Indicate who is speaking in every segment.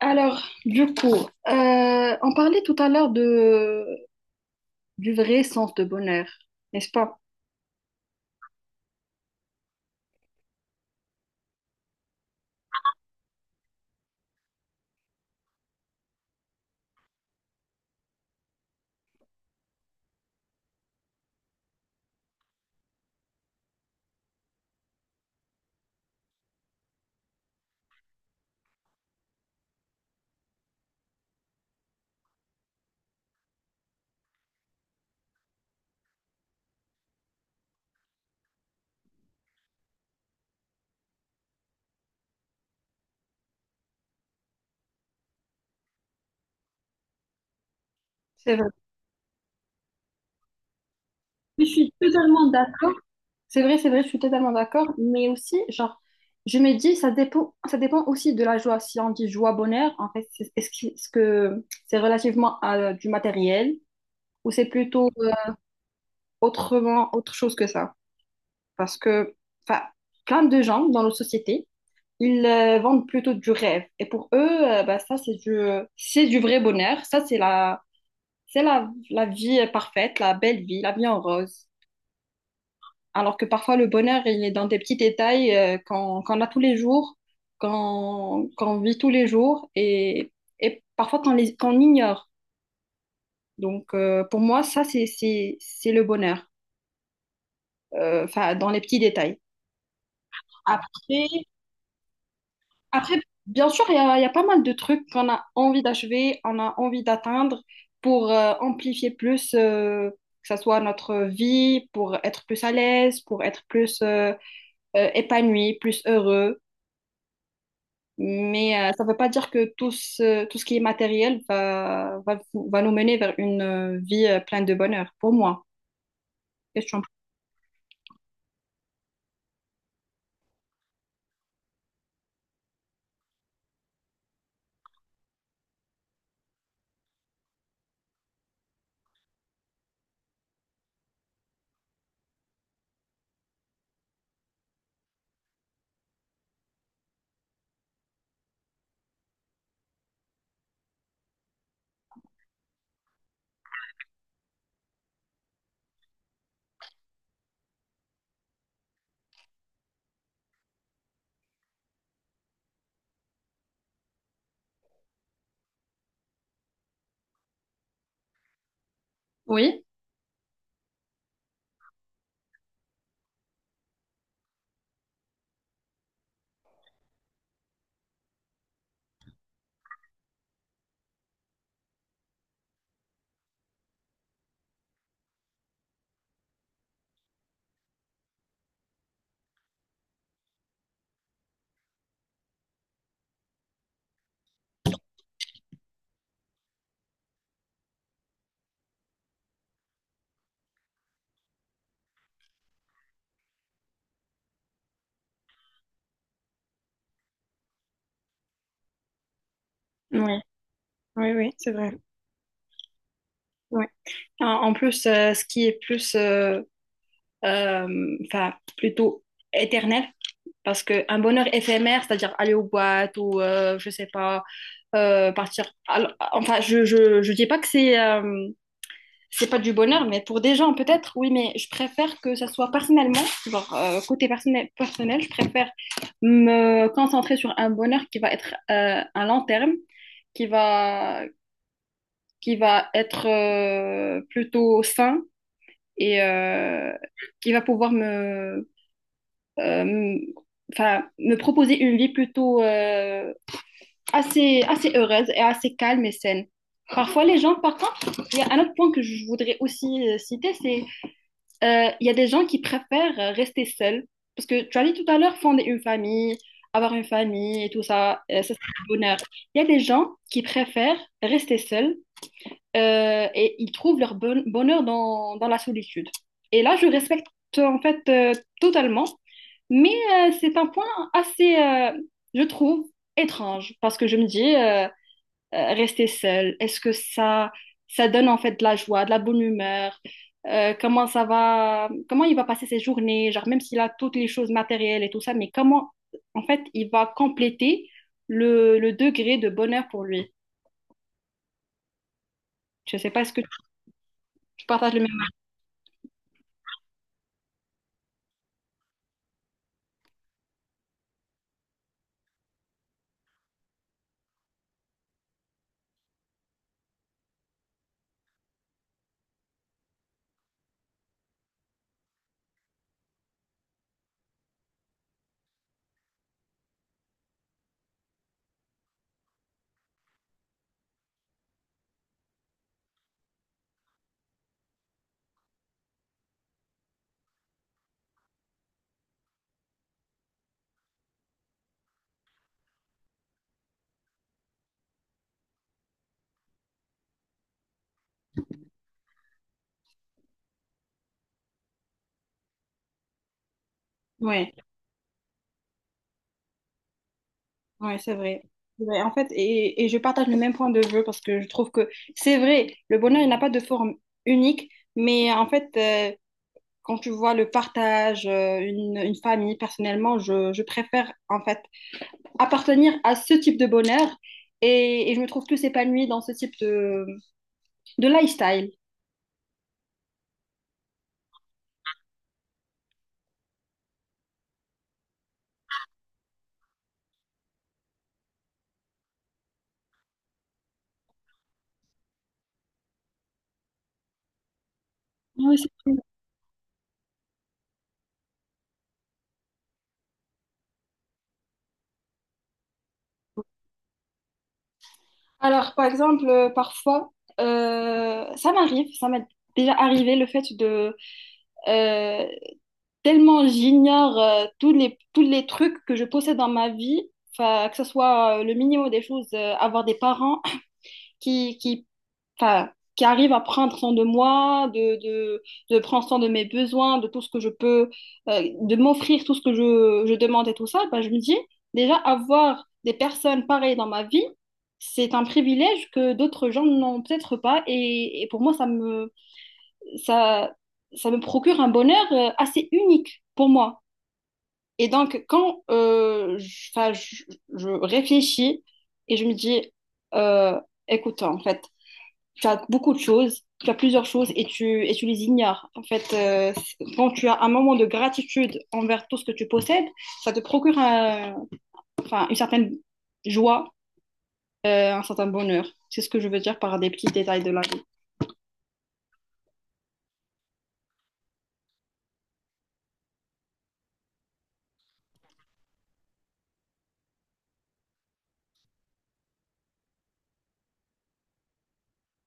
Speaker 1: Alors, du coup, on parlait tout à l'heure de, du vrai sens de bonheur, n'est-ce pas? C'est vrai. Je suis totalement d'accord. C'est vrai, je suis totalement d'accord. Mais aussi, genre, je me dis, ça dépend aussi de la joie. Si on dit joie, bonheur, en fait, est-ce que c'est relativement à du matériel ou c'est plutôt autrement, autre chose que ça? Parce que, enfin, plein de gens dans nos sociétés ils vendent plutôt du rêve. Et pour eux, bah, ça, c'est du vrai bonheur. Ça, c'est la, la vie parfaite, la belle vie, la vie en rose. Alors que parfois, le bonheur, il est dans des petits détails qu'on a tous les jours, qu'on vit tous les jours et parfois qu'on ignore. Donc, pour moi, ça, c'est le bonheur, enfin, dans les petits détails. Après, Après, bien sûr, il y a pas mal de trucs qu'on a envie d'achever, on a envie d'atteindre pour amplifier plus, que ça soit notre vie, pour être plus à l'aise, pour être plus épanoui, plus heureux. Mais ça ne veut pas dire que tout ce qui est matériel va nous mener vers une vie pleine de bonheur, pour moi. Qu'est-ce que tu en penses? Oui, oui. Oui, oui, c'est vrai. Oui. En, en plus, ce qui est plus, enfin, plutôt éternel. Parce qu'un bonheur éphémère, c'est-à-dire aller aux boîtes ou, je sais pas, partir. Alors, enfin, je dis pas que c'est pas du bonheur, mais pour des gens, peut-être, oui, mais je préfère que ça soit personnellement, genre côté personnel, personnel, je préfère me concentrer sur un bonheur qui va être à long terme, qui va, qui va être plutôt sain et qui va pouvoir me, euh, enfin, me proposer une vie plutôt assez, assez heureuse et assez calme et saine. Parfois, les gens, par contre, il y a un autre point que je voudrais aussi citer, c'est il y a des gens qui préfèrent rester seuls. Parce que tu as dit tout à l'heure, fonder une famille, avoir une famille et tout ça, ça c'est le bonheur. Il y a des gens qui préfèrent rester seuls et ils trouvent leur bonheur dans, dans la solitude. Et là, je respecte en fait totalement, mais c'est un point assez, je trouve, étrange parce que je me dis, rester seul, est-ce que ça donne en fait de la joie, de la bonne humeur? Comment ça va, comment il va passer ses journées, genre même s'il a toutes les choses matérielles et tout ça, mais comment en fait il va compléter le degré de bonheur pour lui? Je sais pas, est-ce que tu partages le même... Ouais. Ouais, c'est vrai. C'est vrai. En fait, et je partage le même point de vue parce que je trouve que c'est vrai, le bonheur, il n'a pas de forme unique, mais en fait, quand tu vois le partage, une famille, personnellement, je préfère en fait appartenir à ce type de bonheur et je me trouve plus épanouie dans ce type de lifestyle. Oui, c'est vrai. Alors, par exemple, parfois, ça m'arrive, ça m'est déjà arrivé le fait de, euh, tellement j'ignore tous les trucs que je possède dans ma vie, enfin, que ce soit le minimum des choses, avoir des parents qui, enfin, qui arrivent à prendre soin de moi, de prendre soin de mes besoins, de tout ce que je peux, de m'offrir tout ce que je demande et tout ça, ben, je me dis, déjà, avoir des personnes pareilles dans ma vie, c'est un privilège que d'autres gens n'ont peut-être pas. Et pour moi, ça me, ça, ça me procure un bonheur assez unique pour moi. Et donc, quand je réfléchis et je me dis, euh, écoute, en fait, tu as beaucoup de choses, tu as plusieurs choses et tu les ignores. En fait, quand tu as un moment de gratitude envers tout ce que tu possèdes, ça te procure enfin, une certaine joie, un certain bonheur. C'est ce que je veux dire par des petits détails de la vie.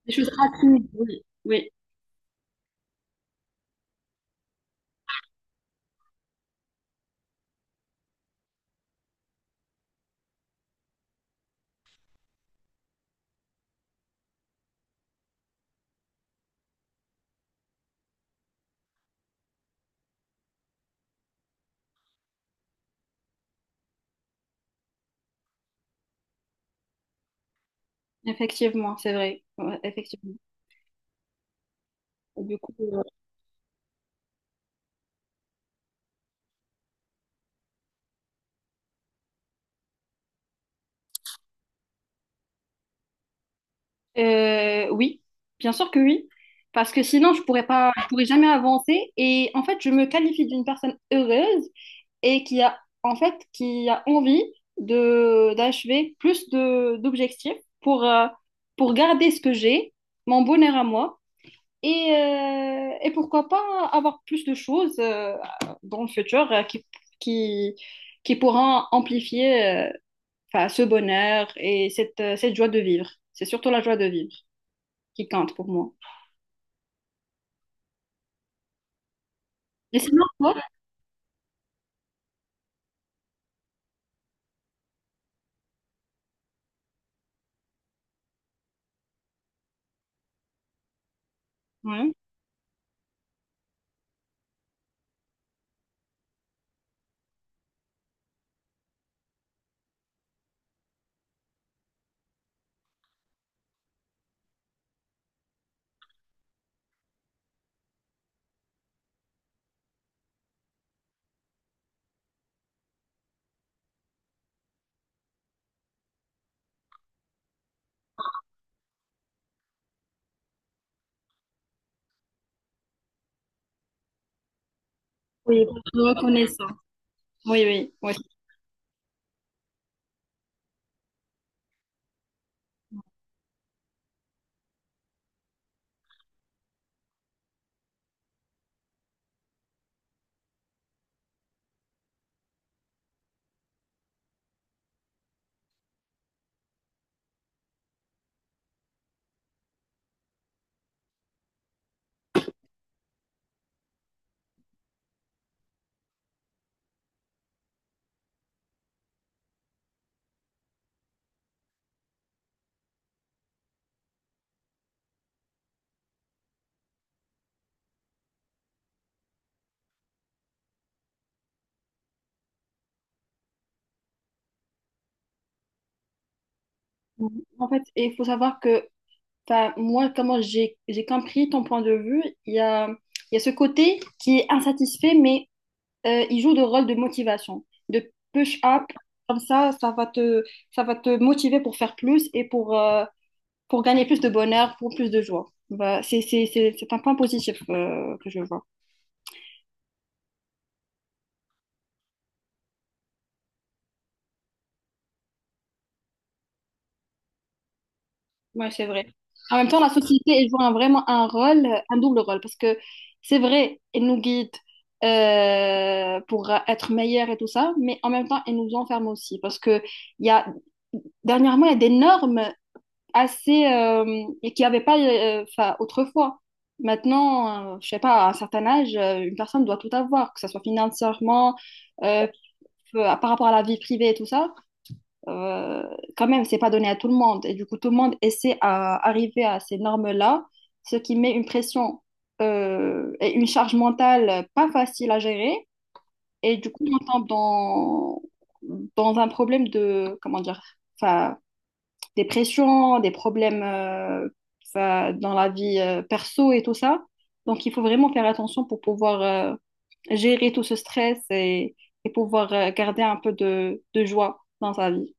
Speaker 1: Des choses rapides, oui. Oui. Effectivement, c'est vrai. Ouais, effectivement. Et du coup, oui, bien sûr que oui, parce que sinon je pourrais pas, je pourrais jamais avancer. Et en fait, je me qualifie d'une personne heureuse et qui a en fait qui a envie de d'achever plus de d'objectifs pour garder ce que j'ai, mon bonheur à moi, et pourquoi pas avoir plus de choses dans le futur qui qui pourront amplifier. Enfin, ce bonheur et cette, cette joie de vivre. C'est surtout la joie de vivre qui compte pour moi. Et sinon, toi? Ouais. Oui, reconnaissant. Oui, oui, oui. En fait, il faut savoir que enfin, moi, comment j'ai compris ton point de vue, il y a ce côté qui est insatisfait, mais il joue le rôle de motivation, de push-up. Comme ça, ça va te motiver pour faire plus et pour gagner plus de bonheur, pour plus de joie. Bah, c'est un point positif que je vois. Ouais, c'est vrai. En même temps, la société, elle joue vraiment un rôle, un double rôle, parce que c'est vrai, elle nous guide pour être meilleure et tout ça, mais en même temps, elle nous enferme aussi, parce que il y a, dernièrement, il y a des normes assez, et qu'il n'y avait pas enfin, autrefois. Maintenant, je sais pas, à un certain âge, une personne doit tout avoir, que ce soit financièrement, euh, par rapport à la vie privée et tout ça, euh, quand même, c'est pas donné à tout le monde. Et du coup, tout le monde essaie à arriver à ces normes-là, ce qui met une pression et une charge mentale pas facile à gérer. Et du coup, on tombe dans, dans un problème de, comment dire, enfin, des pressions, des problèmes enfin, dans la vie perso et tout ça. Donc, il faut vraiment faire attention pour pouvoir gérer tout ce stress et pouvoir garder un peu de joie dans sa vie.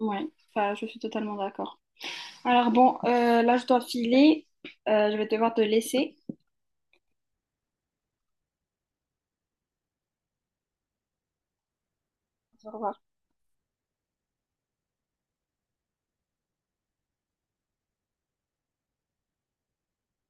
Speaker 1: Ouais, enfin, je suis totalement d'accord. Alors bon, là je dois filer. Je vais devoir te laisser. Au revoir.